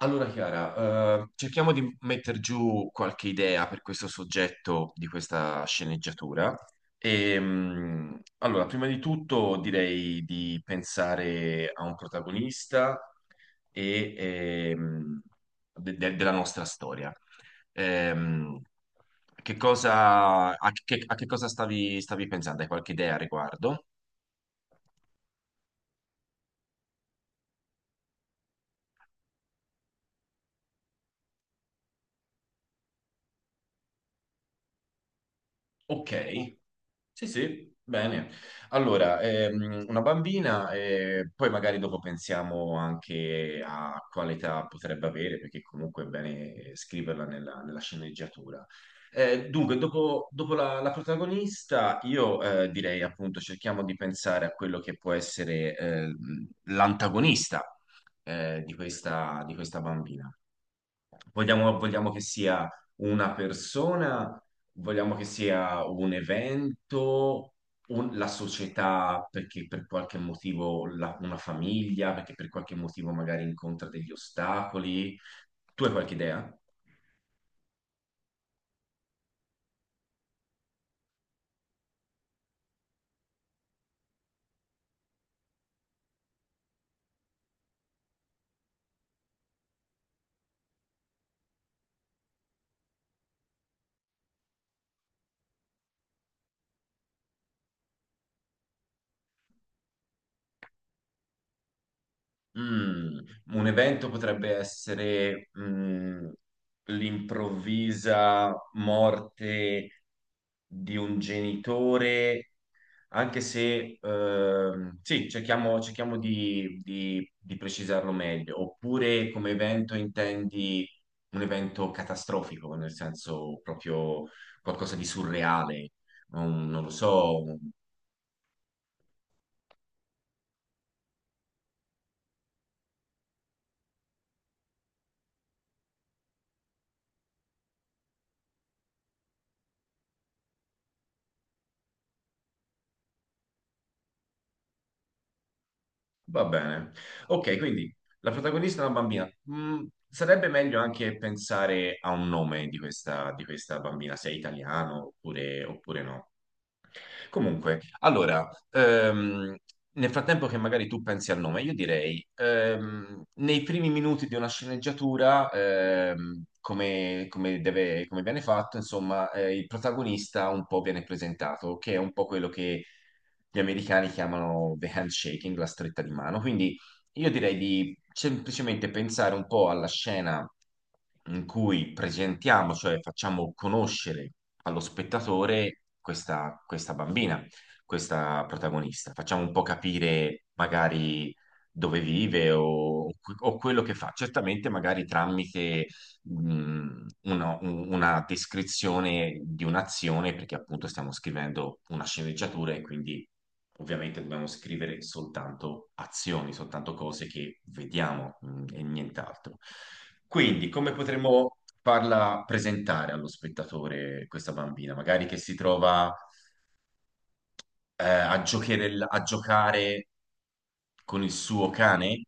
Allora Chiara, cerchiamo di mettere giù qualche idea per questo soggetto di questa sceneggiatura. E, allora, prima di tutto direi di pensare a un protagonista e, della nostra storia. Ehm, che cosa, a che cosa stavi pensando? Hai qualche idea a riguardo? Ok. Sì, sì, bene. Allora, una bambina e poi magari dopo pensiamo anche a quale età potrebbe avere, perché comunque è bene scriverla nella sceneggiatura. Dunque, dopo la protagonista, io direi appunto cerchiamo di pensare a quello che può essere l'antagonista di questa bambina. Vogliamo che sia una persona, vogliamo che sia un evento, la società perché per qualche motivo una famiglia, perché per qualche motivo magari incontra degli ostacoli. Tu hai qualche idea? Mm, un evento potrebbe essere mm, l'improvvisa morte di un genitore anche se sì, cerchiamo di, di precisarlo meglio, oppure come evento intendi un evento catastrofico, nel senso proprio qualcosa di surreale, un- non lo so, un- va bene. Ok, quindi la protagonista è una bambina. Mm, sarebbe meglio anche pensare a un nome di questa bambina, se è italiano oppure, oppure no. Comunque, allora, nel frattempo che magari tu pensi al nome, io direi, nei primi minuti di una sceneggiatura, come, come viene fatto, insomma, il protagonista un po' viene presentato, che è un po' quello che gli americani chiamano the handshaking, la stretta di mano. Quindi io direi di semplicemente pensare un po' alla scena in cui presentiamo, cioè facciamo conoscere allo spettatore questa, questa bambina, questa protagonista. Facciamo un po' capire magari dove vive o quello che fa. Certamente magari tramite una, una descrizione di un'azione, perché appunto stiamo scrivendo una sceneggiatura e quindi ovviamente dobbiamo scrivere soltanto azioni, soltanto cose che vediamo mm, e nient'altro. Quindi, come potremmo farla presentare allo spettatore questa bambina? Magari che si trova a a giocare con il suo cane?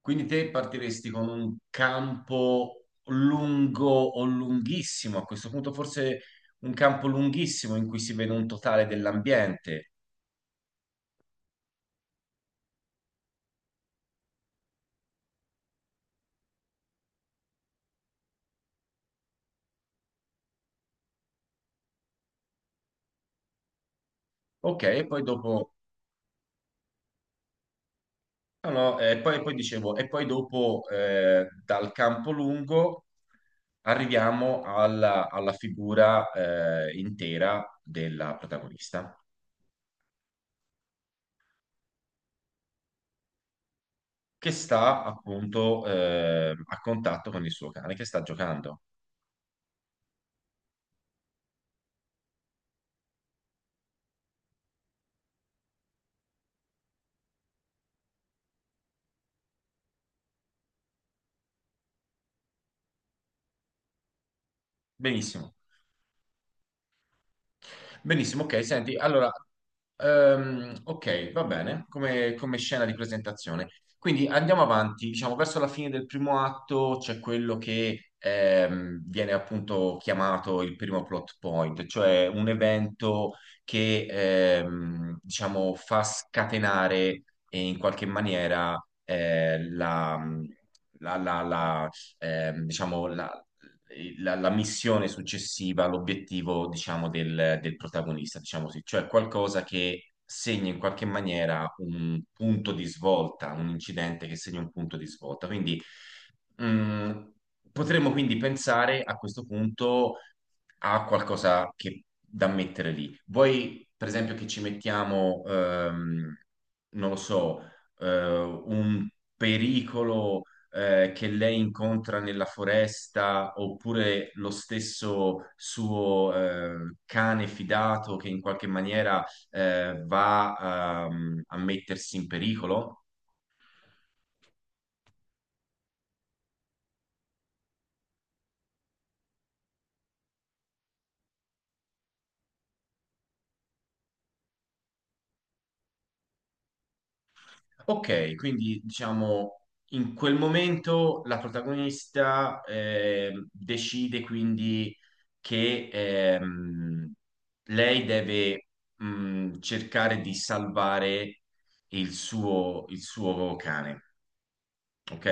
Quindi te partiresti con un campo lungo o lunghissimo, a questo punto forse un campo lunghissimo in cui si vede un totale dell'ambiente. Ok, e poi dopo no, no, e poi, poi dicevo, e poi dopo dal campo lungo arriviamo alla, alla figura intera della protagonista, che sta appunto a contatto con il suo cane, che sta giocando. Benissimo. Benissimo, ok, senti, allora, ok, va bene, come, come scena di presentazione. Quindi andiamo avanti, diciamo, verso la fine del primo atto c'è quello che viene appunto chiamato il primo plot point, cioè un evento che, diciamo, fa scatenare in qualche maniera la... La, la, la, diciamo, la missione successiva, l'obiettivo, diciamo, del, del protagonista, diciamo così, cioè qualcosa che segna in qualche maniera un punto di svolta, un incidente che segna un punto di svolta. Quindi mh, potremmo quindi pensare a questo punto a qualcosa che, da mettere lì. Vuoi, per esempio, che ci mettiamo, non lo so, un pericolo che lei incontra nella foresta, oppure lo stesso suo cane fidato che in qualche maniera va a mettersi in pericolo. Ok, quindi diciamo. In quel momento la protagonista decide quindi che lei deve cercare di salvare il suo cane, ok?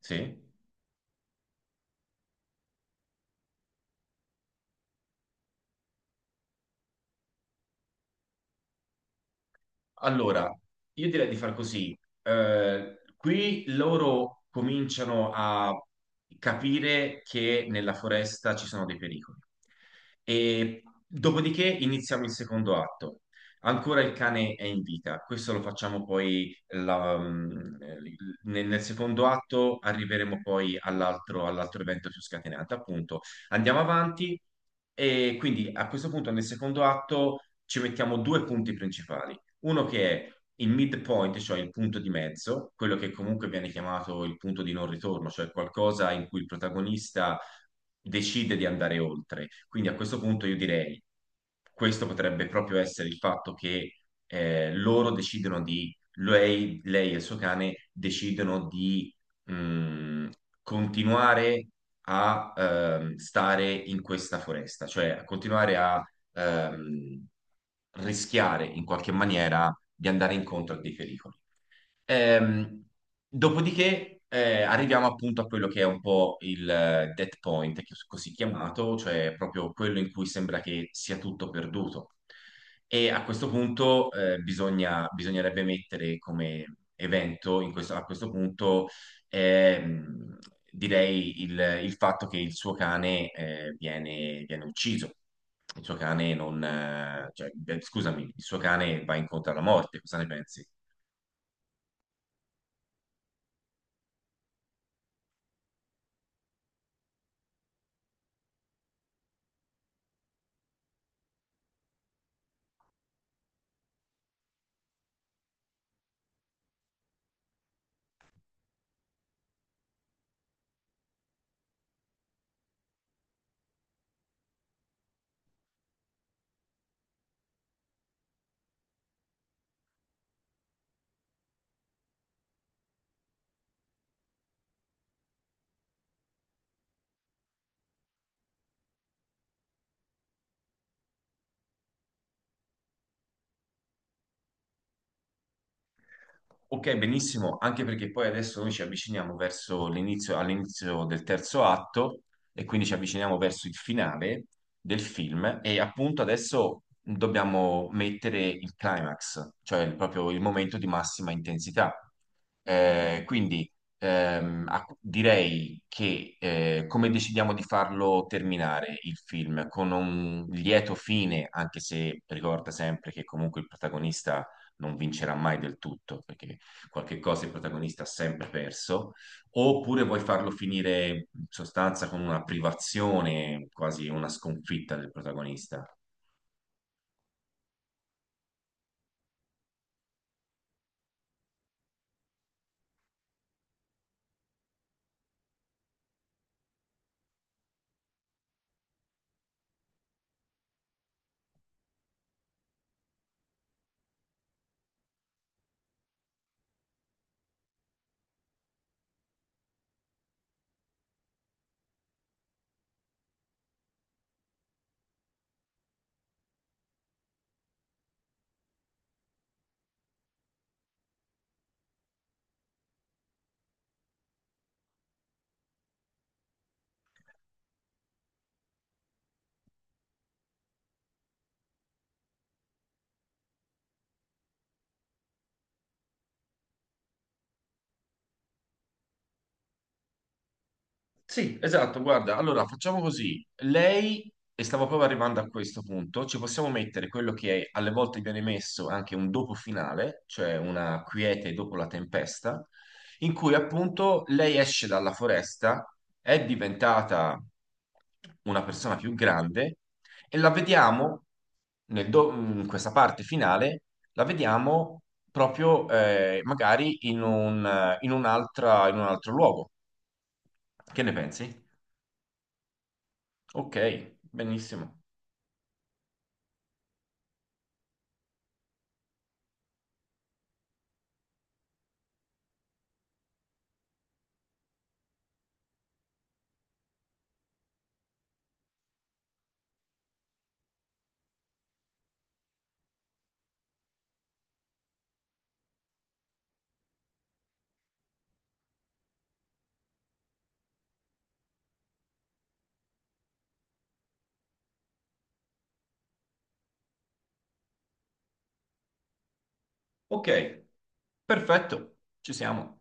Sì? Allora, io direi di far così. Qui loro cominciano a capire che nella foresta ci sono dei pericoli. E dopodiché iniziamo il secondo atto. Ancora il cane è in vita. Questo lo facciamo poi mm, nel secondo atto arriveremo poi all'altro evento più scatenante. Appunto, andiamo avanti e quindi a questo punto nel secondo atto ci mettiamo due punti principali. Uno che è il midpoint, cioè il punto di mezzo, quello che comunque viene chiamato il punto di non ritorno, cioè qualcosa in cui il protagonista decide di andare oltre. Quindi a questo punto io direi, questo potrebbe proprio essere il fatto che loro decidono di, lei e il suo cane decidono di mh, continuare a stare in questa foresta, cioè a continuare a ehm, rischiare in qualche maniera di andare incontro a dei pericoli. Ehm, dopodiché arriviamo appunto a quello che è un po' il dead point, così chiamato, cioè proprio quello in cui sembra che sia tutto perduto. E a questo punto bisognerebbe mettere come evento, a questo punto, ehm, direi il fatto che il suo cane viene, viene ucciso. Il suo cane non, cioè, beh, scusami, il suo cane va incontro alla morte, cosa ne pensi? Ok, benissimo, anche perché poi adesso noi ci avviciniamo verso l'inizio, all'inizio del terzo atto e quindi ci avviciniamo verso il finale del film e appunto adesso dobbiamo mettere il climax, cioè proprio il momento di massima intensità. Quindi a- direi che come decidiamo di farlo terminare il film? Con un lieto fine, anche se ricorda sempre che comunque il protagonista non vincerà mai del tutto, perché qualche cosa il protagonista ha sempre perso, oppure vuoi farlo finire in sostanza con una privazione, quasi una sconfitta del protagonista. Sì, esatto, guarda, allora facciamo così. Lei, e stavo proprio arrivando a questo punto, ci possiamo mettere quello che alle volte viene messo anche un dopo finale, cioè una quiete dopo la tempesta, in cui appunto lei esce dalla foresta, è diventata una persona più grande e la vediamo in questa parte finale, la vediamo proprio magari in un, in un'altra, in un altro luogo. Che ne pensi? Ok, benissimo. Ok, perfetto, ci siamo.